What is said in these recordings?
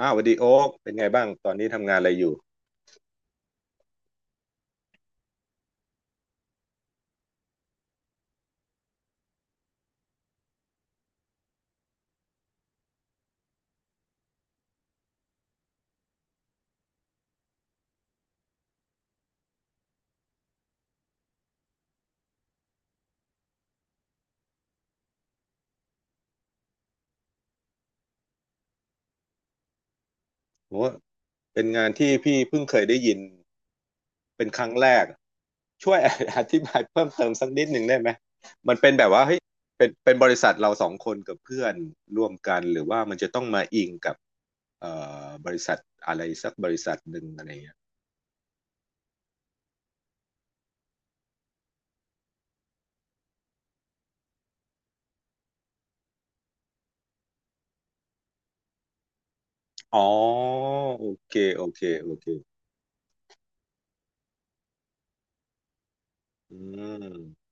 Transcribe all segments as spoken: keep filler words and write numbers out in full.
อ้าวสวัสดีโอ๊กเป็นไงบ้างตอนนี้ทำงานอะไรอยู่โอ้เป็นงานที่พี่เพิ่งเคยได้ยินเป็นครั้งแรกช่วย อธิบายเพิ่มเติมสักนิดหนึ่งได้ไหมมันเป็นแบบว่าเฮ้ยเป็นเป็นบริษัทเราสองคนกับเพื่อนร่วมกันหรือว่ามันจะต้องมาอิงกับเอ่อบริษัทอะไรสักบริษัทหนึ่งอะไรเงี้ยอ๋อโอเคโอเคโอเคอืม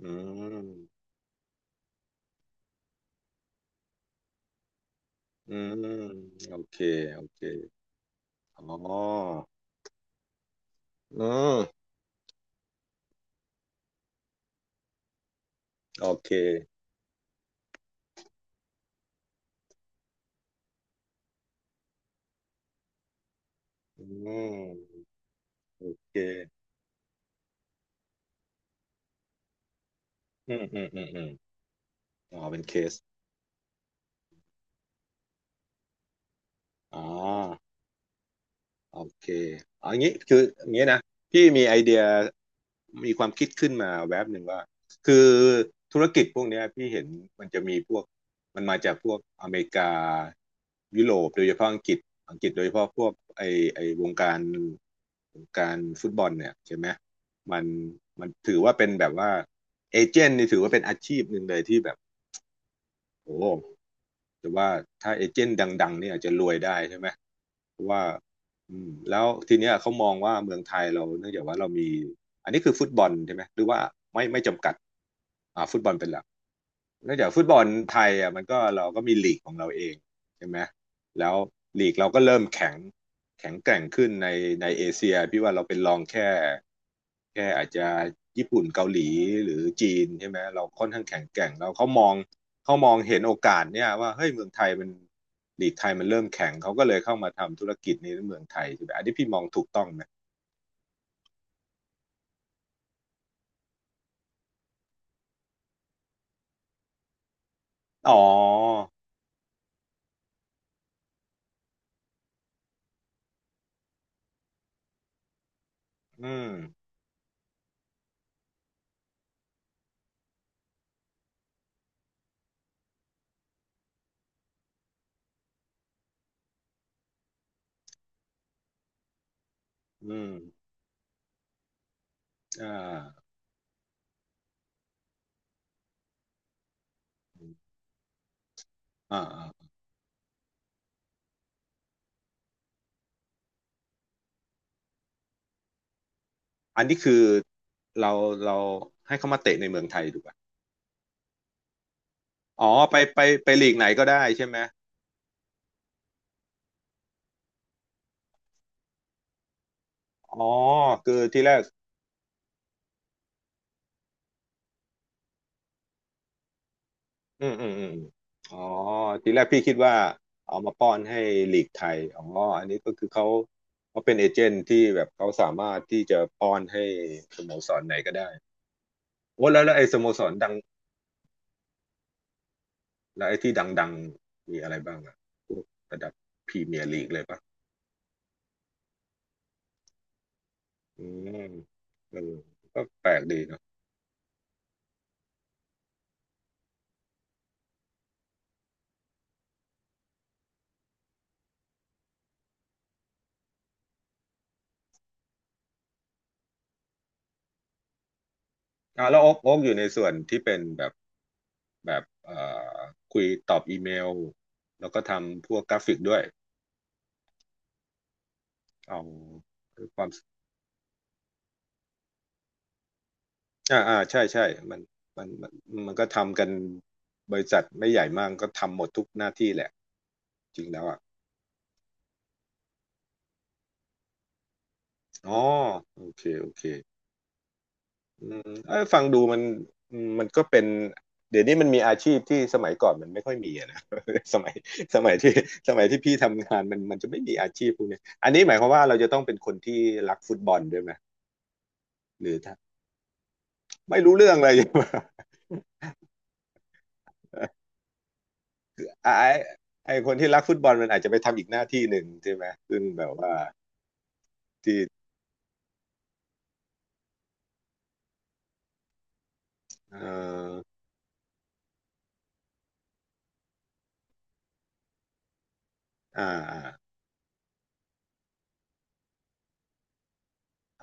อืมอืมโอเคโอเคอ๋ออืมโอเค อืมโอเคอืมอืมอืมอืมอ๋อเป็นเคสอ๋อโอเคเอางี้คืออย่างงี้นะพี่มีไอเดียมีความคิดขึ้นมาแวบหนึ่งว่าคือธุรกิจพวกเนี้ยพี่เห็นมันจะมีพวกมันมาจากพวกอเมริกายุโรปโดยเฉพาะอังกฤษอังกฤษโดยเฉพาะพวกไอไอวงการวงการฟุตบอลเนี่ยใช่ไหมมันมันถือว่าเป็นแบบว่าเอเจนต์นี่ถือว่าเป็นอาชีพหนึ่งเลยที่แบบโอ้ แต่ว่าถ้าเอเจนต์ดังๆเนี่ยอาจจะรวยได้ใช่ไหมเพราะว่าอืมแล้วทีเนี้ยเขามองว่าเมืองไทยเราเนื่องจากว่าเรามีอันนี้คือฟุตบอลใช่ไหมหรือว่าไม่ไม่จำกัดอ่าฟุตบอลเป็นหลักเนื่องจากฟุตบอลไทยอ่ะมันก็เราก็มีลีกของเราเอง ใช่ไหมแล้วลีกเราก็เริ่มแข็งแข็งแกร่งขึ้นในในเอเชียพี่ว่าเราเป็นรองแค่แค่อาจจะญี่ปุ่นเกาหลีหรือจีนใช่ไหมเราค่อนข้างแข็งแกร่งเราเขามองเขามองเห็นโอกาสเนี่ยว่าเฮ้ยเมืองไทยมันลีกไทยมันเริ่มแข็งเขาก็เลยเข้ามาทำธุรกิจนี้ในเมืองไทยใช่ไหมอันนี้พี่มองถูกต้องไหมอ๋ออืมอืมอ่าอ่าอาอันนี้คือเราเราให้เขามาเตะในเมืองไทยถูกไหม อ๋อไปไปไปลีกไหนก็ได้ใช่ไหมอ๋อคือที่แรกอืมอืมอืมอ๋อทีแรกพี่คิดว่าเอามาป้อนให้ลีกไทยอ๋ออันนี้ก็คือเขาเขาเป็นเอเจนต์ที่แบบเขาสามารถที่จะป้อนให้สโมสรไหนก็ได้โอ้แล้วแล้วไอ้สโมสรดังแล้วไอ้ที่ดังๆมีอะไรบ้างอะพวกระดับพรีเมียร์ลีกเลยปะอืมเออก็แปลกดีเนาะอ่ะแล้วโอ๊กโอ๊กอยู่ในส่วนที่เป็นแบบ แบบเอ่อคุยตอบอีเมลแล้วก็ทำพวกกราฟิกด้วยเอาความอ่าอ่าใช่ใช่มันมันมันมันก็ทำกันบริษัทไม่ใหญ่มากก็ทำหมดทุกหน้าที่แหละจริงแล้วอ่ะอ๋อโอเคโอเคอืมเอ้ยฟังดูมันอืมมันก็เป็นเดี๋ยวนี้มันมีอาชีพที่สมัยก่อนมันไม่ค่อยมีอะนะ สมัยสมัยที่สมัยที่พี่ทำงานมันมันจะไม่มีอาชีพพวกนี้อันนี้หมายความว่าเราจะต้องเป็นคนที่รักฟุตบอลด้วยไหมหรือ ไม่รู้เรื่องเลย ไอ้ไอ้คนที่รักฟุตบอลมันอาจจะไปทำอีกหน้าที่หนึ่งใช่ไหมซึ่งแบบว่าที่เอออ่าอ่า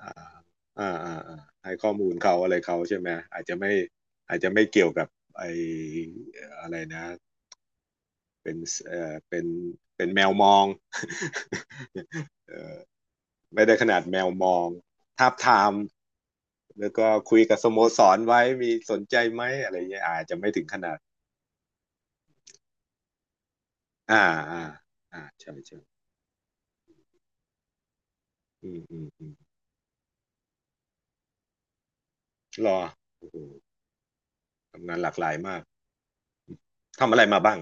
อ่าอ่าอ่าอ่าให้ข้อมูลเขาอะไรเขาใช่ไหมอาจจะไม่อาจจะไม่เกี่ยวกับไอ้อะไรนะเป็นเออเป็นเป็นแมวมอง เออไม่ได้ขนาดแมวมองทาบทามแล้วก็คุยกับสโมสรไว้มีสนใจไหมอะไรเงี้ยอาจจะไม่ถึงขนาด อ่าอ่าอ่าใช่ใช่อืมอืมอืมรอโอ้โหทำงานหลากหลายมากทำอะไรมาบ้าง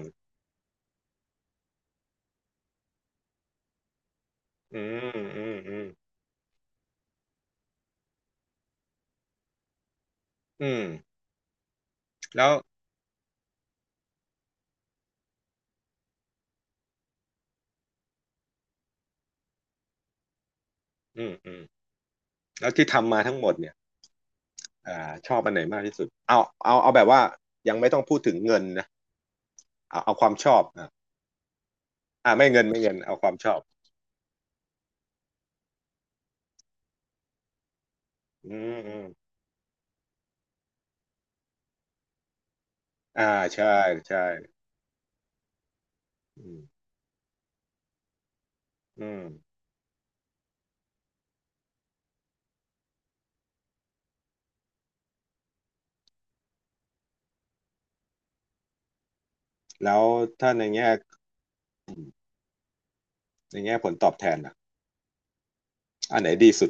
อืมอืมอืมอืมแล้วอืมอืมแล้วที่ทำมาทั้งหมดเนี่ยอ่าชอบอันไหนมากที่สุดเอาเอาเอาแบบว่ายังไม่ต้องพูดถึงเงินนะเอาเอาความชอบอ่ะอ่าไม่เงินไม่เงินเอาความชอบอืมอืมอ่าใช่ใช่อืมอืมแล้วถ้าในแง่ในแง่ผลตอบแทนอ่ะอันไหนดีสุด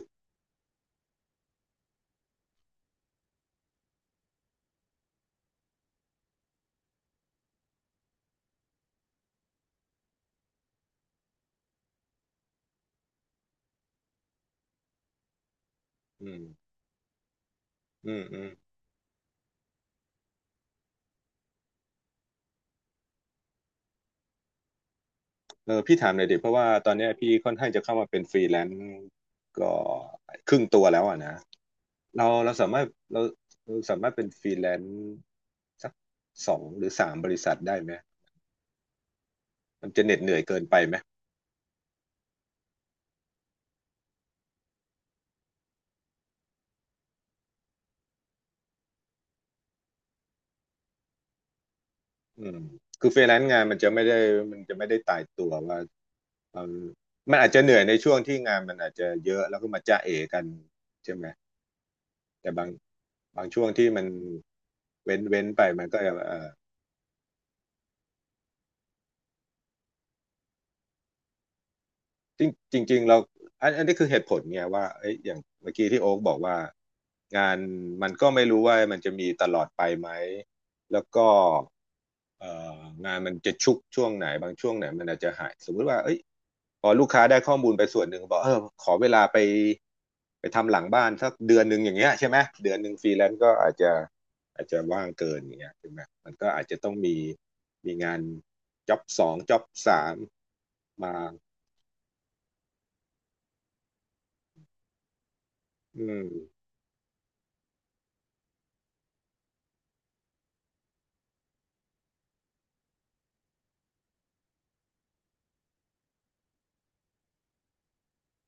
อืมอืมอืม เออพี่ถามหน่อยดิเพราะว่าตอนเนี้ยพี่ค่อนข้างจะเข้ามาเป็นฟรีแลนซ์ก็ครึ่งตัวแล้วอ่ะนะเราเราสามารถเราเราสามารถเป็นฟรีแลนซ์สักสองหรือสามบริษัทได้ไหมมันจะเหน็ดเหนื่อยเกินไปไหมอืมคือฟรีแลนซ์งานมันจะไม่ได้มันจะไม่ได้ตายตัวว่าเออมันอาจจะเหนื่อยในช่วงที่งานมันอาจจะเยอะแล้วก็มาจ้าเอกันใช่ไหมแต่บางบางช่วงที่มันเว้นเว้นไปมันก็เออ จริงจริงๆเราอันอันนี้คือเหตุผลไงว่าเอ้ยอย่างเมื่อกี้ที่โอ๊กบอกว่างานมันก็ไม่รู้ว่ามันจะมีตลอดไปไหมแล้วก็เอ่องานมันจะชุกช่วงไหนบางช่วงไหนมันอาจจะหายสมมุติว่าเอ้ยพอลูกค้าได้ข้อมูลไปส่วนหนึ่งบอกเออขอเวลาไปไปทำหลังบ้านสักเดือนหนึ่งอย่างเงี้ยใช่ไหมเดือนหนึ่งฟรีแลนซ์ก็อาจจะอาจจะว่างเกินอย่างเงี้ยใช่ไหมมันก็อาจจะต้องมีมีงานจ็อบสองจ็อบสามมาอืม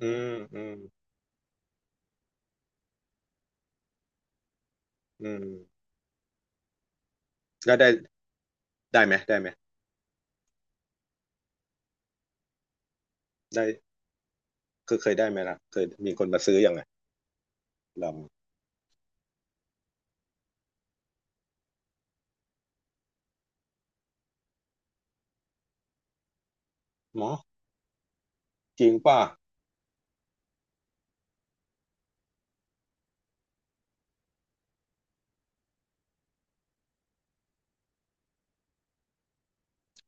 อืมอืมอืมแล้วได้ได้ไหมได้ไหมได้คือเคยได้ไหมล่ะเคยมีคนมาซื้อยังไงลองหมอจริงป่ะ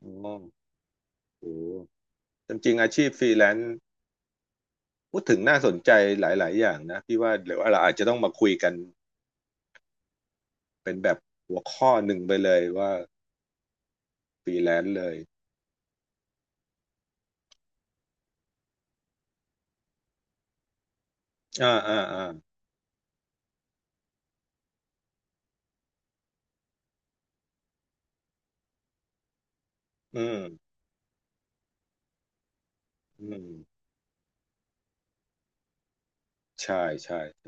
อ๋อโอ้จริงๆอาชีพฟรีแลนซ์พูดถึงน่าสนใจหลายๆอย่างนะพี่ว่าเดี๋ยวเราอาจจะต้องมาคุยกันเป็นแบบหัวข้อหนึ่งไปเลยว่าฟรีแลนซ์เลยอ่าอ่าอ่าอืมอืมใช่ใช่ใช่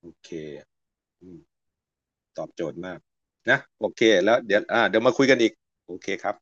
โอเคอืมตอบโจทย์มากนะโอเคแล้วเดี๋ยวอ่าเดี๋ยวมาคุยกันอีกโอเคครับ